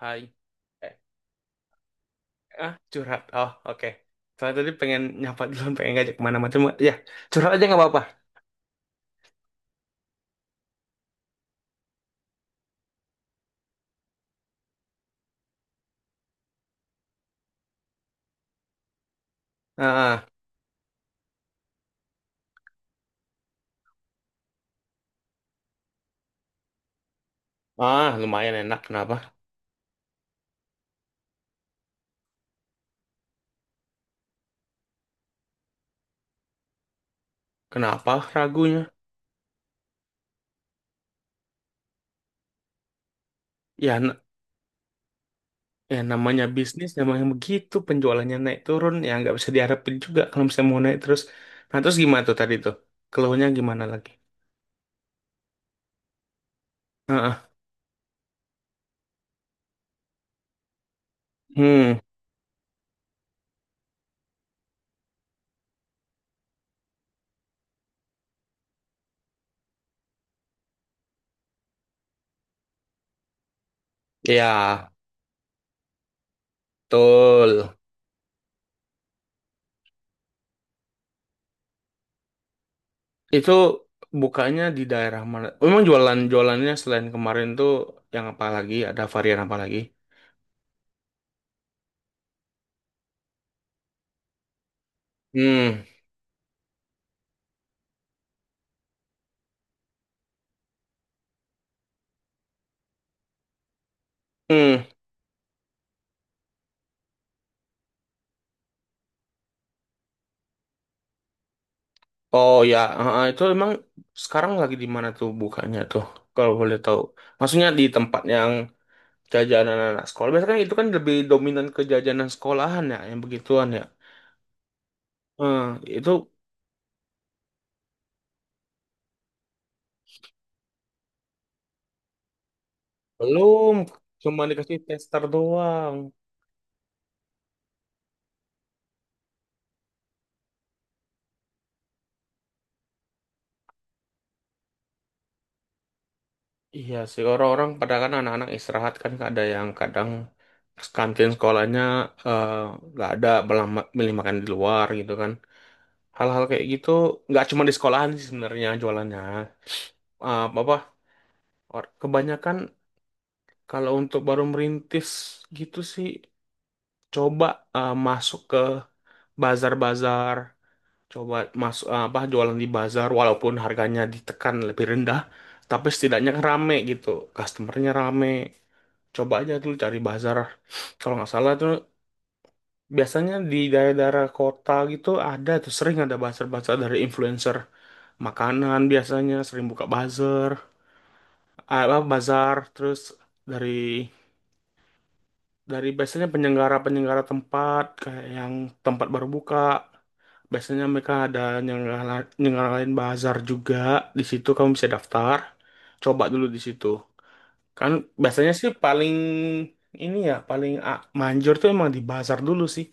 Hai. Eh, curhat. Oh, oke. Soalnya tadi pengen nyapa dulu, pengen ngajak kemana-mana. Cuma, ya, curhat aja nggak apa-apa. Ah, lumayan enak. Kenapa? Kenapa ragunya? Ya, namanya bisnis, namanya begitu. Penjualannya naik turun, ya nggak bisa diharapin juga kalau misalnya mau naik terus. Nah, terus gimana tuh tadi tuh? Keluhnya gimana lagi? Ah, ah. Hmm, ya, betul. Itu bukanya di daerah mana? Memang jualan jualannya selain kemarin tuh yang apa lagi? Ada varian apa lagi? Hmm. Hmm. Oh ya, itu emang sekarang lagi di mana tuh bukanya tuh? Kalau boleh tahu. Maksudnya di tempat yang jajanan anak sekolah. Biasanya kan itu kan lebih dominan ke jajanan sekolahan ya, yang begituan ya. Hmm, itu belum, cuma dikasih tester doang. Iya sih orang-orang pada kan anak-anak istirahat kan ada yang kadang kantin sekolahnya eh, nggak ada malah milih makan di luar gitu kan hal-hal kayak gitu nggak cuma di sekolahan sih sebenarnya jualannya. Apa kebanyakan kalau untuk baru merintis gitu sih coba masuk ke bazar-bazar, coba masuk apa jualan di bazar walaupun harganya ditekan lebih rendah tapi setidaknya kan rame gitu, customernya rame. Coba aja dulu cari bazar. Kalau nggak salah tuh biasanya di daerah-daerah kota gitu ada tuh sering ada bazar-bazar dari influencer makanan biasanya sering buka bazar, apa bazar, terus dari dari biasanya penyelenggara-penyelenggara tempat kayak yang tempat baru buka biasanya mereka ada nyelenggarain bazar juga. Di situ kamu bisa daftar, coba dulu di situ. Kan biasanya sih paling ini ya paling manjur tuh emang di pasar dulu sih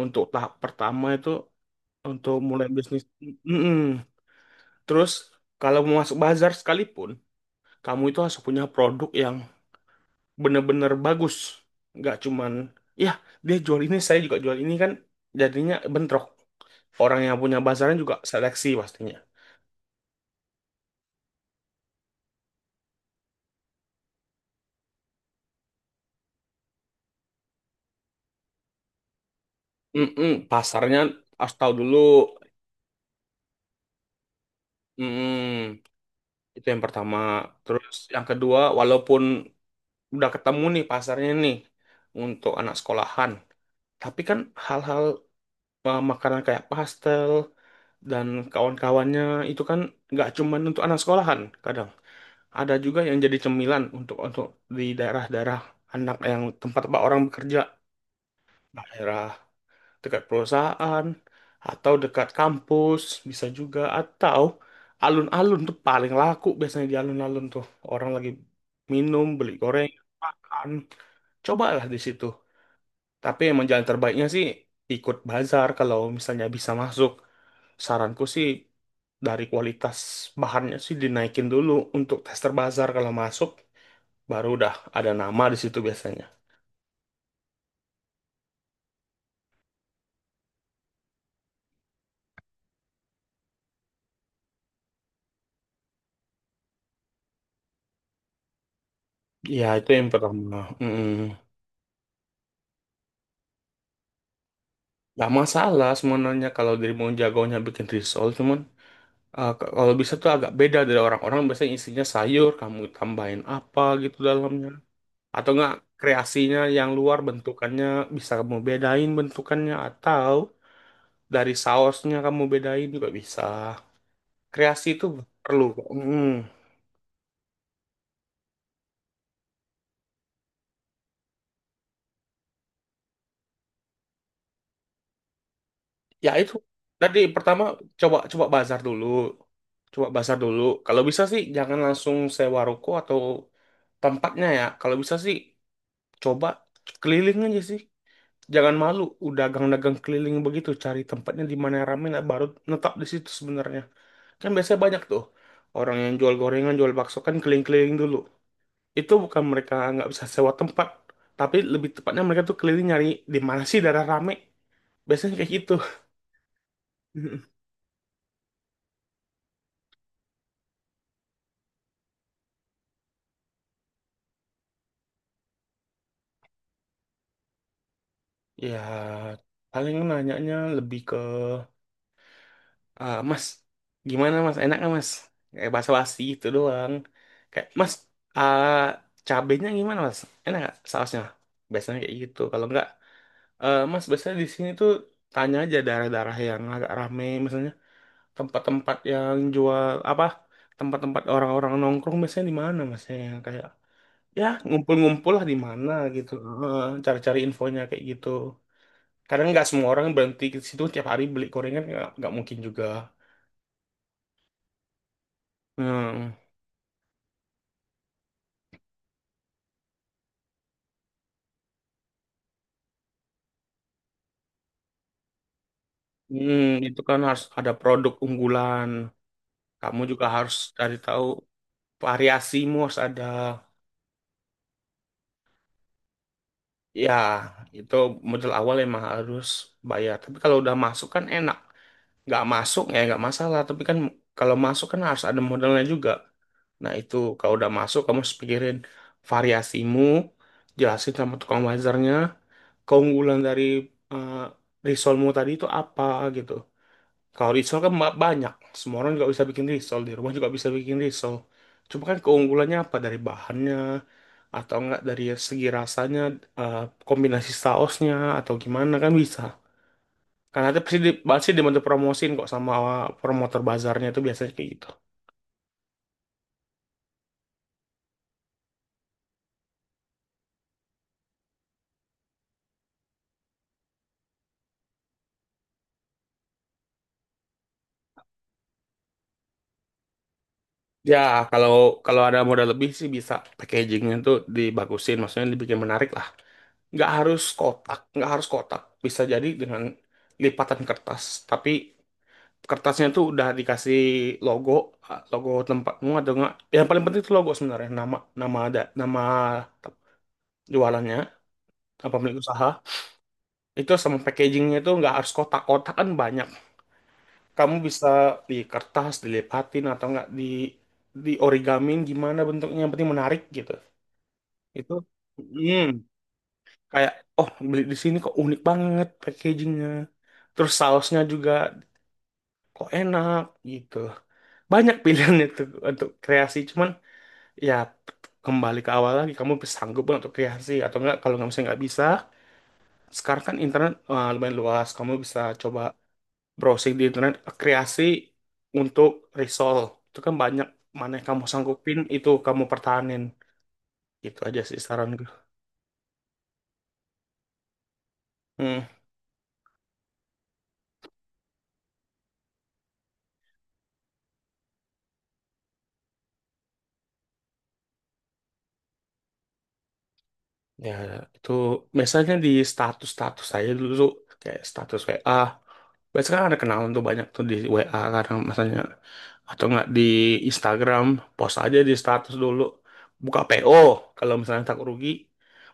untuk tahap pertama itu untuk mulai bisnis. Mm-mm. Terus kalau mau masuk bazar sekalipun, kamu itu harus punya produk yang bener-bener bagus, nggak cuman ya dia jual ini saya juga jual ini kan jadinya bentrok. Orang yang punya bazarnya juga seleksi pastinya. Mm-mm. Pasarnya harus tahu dulu. Mm-mm. Itu yang pertama. Terus yang kedua, walaupun udah ketemu nih pasarnya nih untuk anak sekolahan. Tapi kan hal-hal makanan kayak pastel dan kawan-kawannya itu kan nggak cuman untuk anak sekolahan. Kadang ada juga yang jadi cemilan untuk di daerah-daerah anak yang tempat tempat orang bekerja, daerah dekat perusahaan atau dekat kampus bisa juga, atau alun-alun tuh paling laku biasanya di alun-alun tuh orang lagi minum, beli goreng, makan. Cobalah di situ. Tapi emang jalan terbaiknya sih ikut bazar kalau misalnya bisa masuk. Saranku sih dari kualitas bahannya sih dinaikin dulu untuk tester bazar, kalau masuk baru udah ada nama di situ biasanya. Ya itu yang pertama. Mm. Gak masalah sebenarnya kalau dirimu jagonya bikin risol, cuman kalau bisa tuh agak beda dari orang-orang, biasanya isinya sayur kamu tambahin apa gitu dalamnya, atau enggak kreasinya yang luar bentukannya, bisa kamu bedain bentukannya, atau dari sausnya kamu bedain juga bisa. Kreasi itu perlu. Hmm. Ya itu tadi pertama, coba coba bazar dulu, coba bazar dulu. Kalau bisa sih jangan langsung sewa ruko atau tempatnya ya. Kalau bisa sih coba keliling aja sih, jangan malu, udah dagang-dagang keliling begitu cari tempatnya di mana yang rame, nah, baru netap di situ. Sebenarnya kan biasanya banyak tuh orang yang jual gorengan, jual bakso kan keliling-keliling dulu, itu bukan mereka nggak bisa sewa tempat, tapi lebih tepatnya mereka tuh keliling nyari di mana sih daerah rame. Biasanya kayak gitu. Ya, paling nanyanya lebih ke, "Ah, Mas, gimana Mas? Enak nggak Mas?" Kayak basa-basi itu doang. Kayak, "Mas, ah, cabenya gimana Mas? Enak nggak sausnya?" Biasanya kayak gitu. Kalau nggak, "Eh, Mas, biasanya di sini tuh," tanya aja daerah-daerah yang agak rame, misalnya tempat-tempat yang jual apa, tempat-tempat orang-orang nongkrong biasanya di mana mas ya, yang kayak ya ngumpul-ngumpul lah di mana gitu. Heeh, cari-cari infonya kayak gitu. Kadang nggak semua orang berhenti ke situ tiap hari beli gorengan, nggak mungkin juga. Hmm. Hmm, itu kan harus ada produk unggulan, kamu juga harus cari tahu, variasimu harus ada. Ya itu modal awal emang harus bayar, tapi kalau udah masuk kan enak, nggak masuk ya nggak masalah, tapi kan kalau masuk kan harus ada modalnya juga. Nah itu kalau udah masuk kamu harus pikirin variasimu, jelasin sama tukang bazarnya keunggulan dari eh, risolmu tadi itu apa gitu. Kalau risol kan banyak, semua orang juga bisa bikin risol, di rumah juga bisa bikin risol, cuma kan keunggulannya apa, dari bahannya atau enggak dari segi rasanya, eh, kombinasi sausnya atau gimana kan bisa, karena itu pasti pasti dibantu promosiin kok sama promotor bazarnya. Itu biasanya kayak gitu. Ya, kalau kalau ada modal lebih sih bisa packagingnya tuh dibagusin, maksudnya dibikin menarik lah. Nggak harus kotak, nggak harus kotak. Bisa jadi dengan lipatan kertas, tapi kertasnya tuh udah dikasih logo, logo tempatmu atau enggak. Yang paling penting itu logo sebenarnya, nama nama ada nama te- jualannya apa pemilik usaha. Itu sama packagingnya tuh nggak harus kotak-kotak kan banyak. Kamu bisa di kertas, dilipatin atau enggak di origamin gimana bentuknya yang penting menarik gitu. Itu mm, kayak, "Oh, beli di sini kok unik banget packagingnya. Terus sausnya juga kok enak gitu." Banyak pilihan itu untuk kreasi, cuman ya kembali ke awal lagi, kamu sanggup nggak untuk kreasi atau enggak. Kalau nggak misalnya nggak bisa, sekarang kan internet lumayan luas, kamu bisa coba browsing di internet kreasi untuk resolve itu kan banyak. Mana yang kamu sanggupin itu kamu pertahanin. Gitu aja sih saran gue. Hmm. Ya itu biasanya di status status saya dulu tuh, kayak status WA, biasanya kan ada kenalan tuh banyak tuh di WA karena misalnya, atau nggak di Instagram, post aja di status dulu, buka PO. Kalau misalnya takut rugi,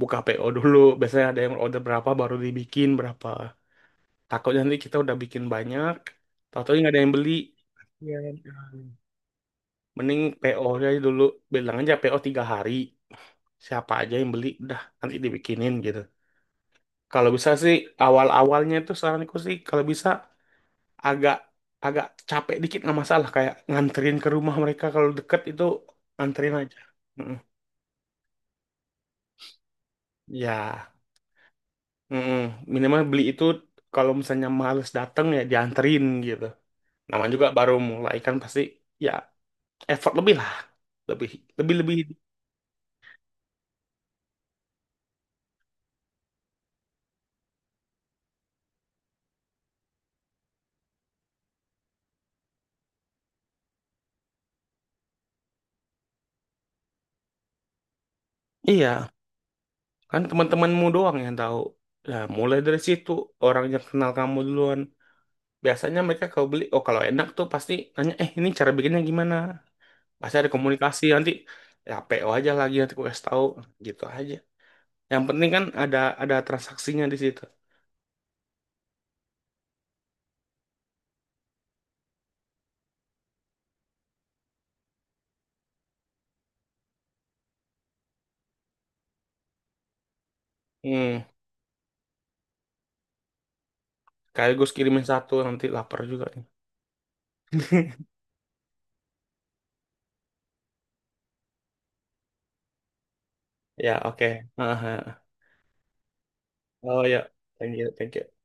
buka PO dulu, biasanya ada yang order berapa baru dibikin berapa. Takutnya nanti kita udah bikin banyak, tahu nggak ada yang beli. Iya. Mending PO nya dulu, bilang aja PO 3 hari. Siapa aja yang beli, udah nanti dibikinin gitu. Kalau bisa sih awal-awalnya itu saranku sih kalau bisa agak agak capek dikit nggak masalah, kayak nganterin ke rumah mereka kalau deket itu anterin aja. Mm-mm. Ya, mm-mm. Minimal beli itu kalau misalnya males dateng ya dianterin gitu. Namanya juga baru mulai kan pasti ya, effort lebih lah, lebih, lebih, lebih. Iya, kan teman-temanmu doang yang tahu. Nah mulai dari situ, orang yang kenal kamu duluan biasanya mereka kalau beli, oh kalau enak tuh pasti nanya, "Eh, ini cara bikinnya gimana?" Pasti ada komunikasi nanti, ya PO aja lagi nanti aku kasih tahu, gitu aja. Yang penting kan ada transaksinya di situ. Hmm, sekaligus kirimin satu nanti lapar juga nih. Ya oke. Aha. Oh ya, thank you thank you.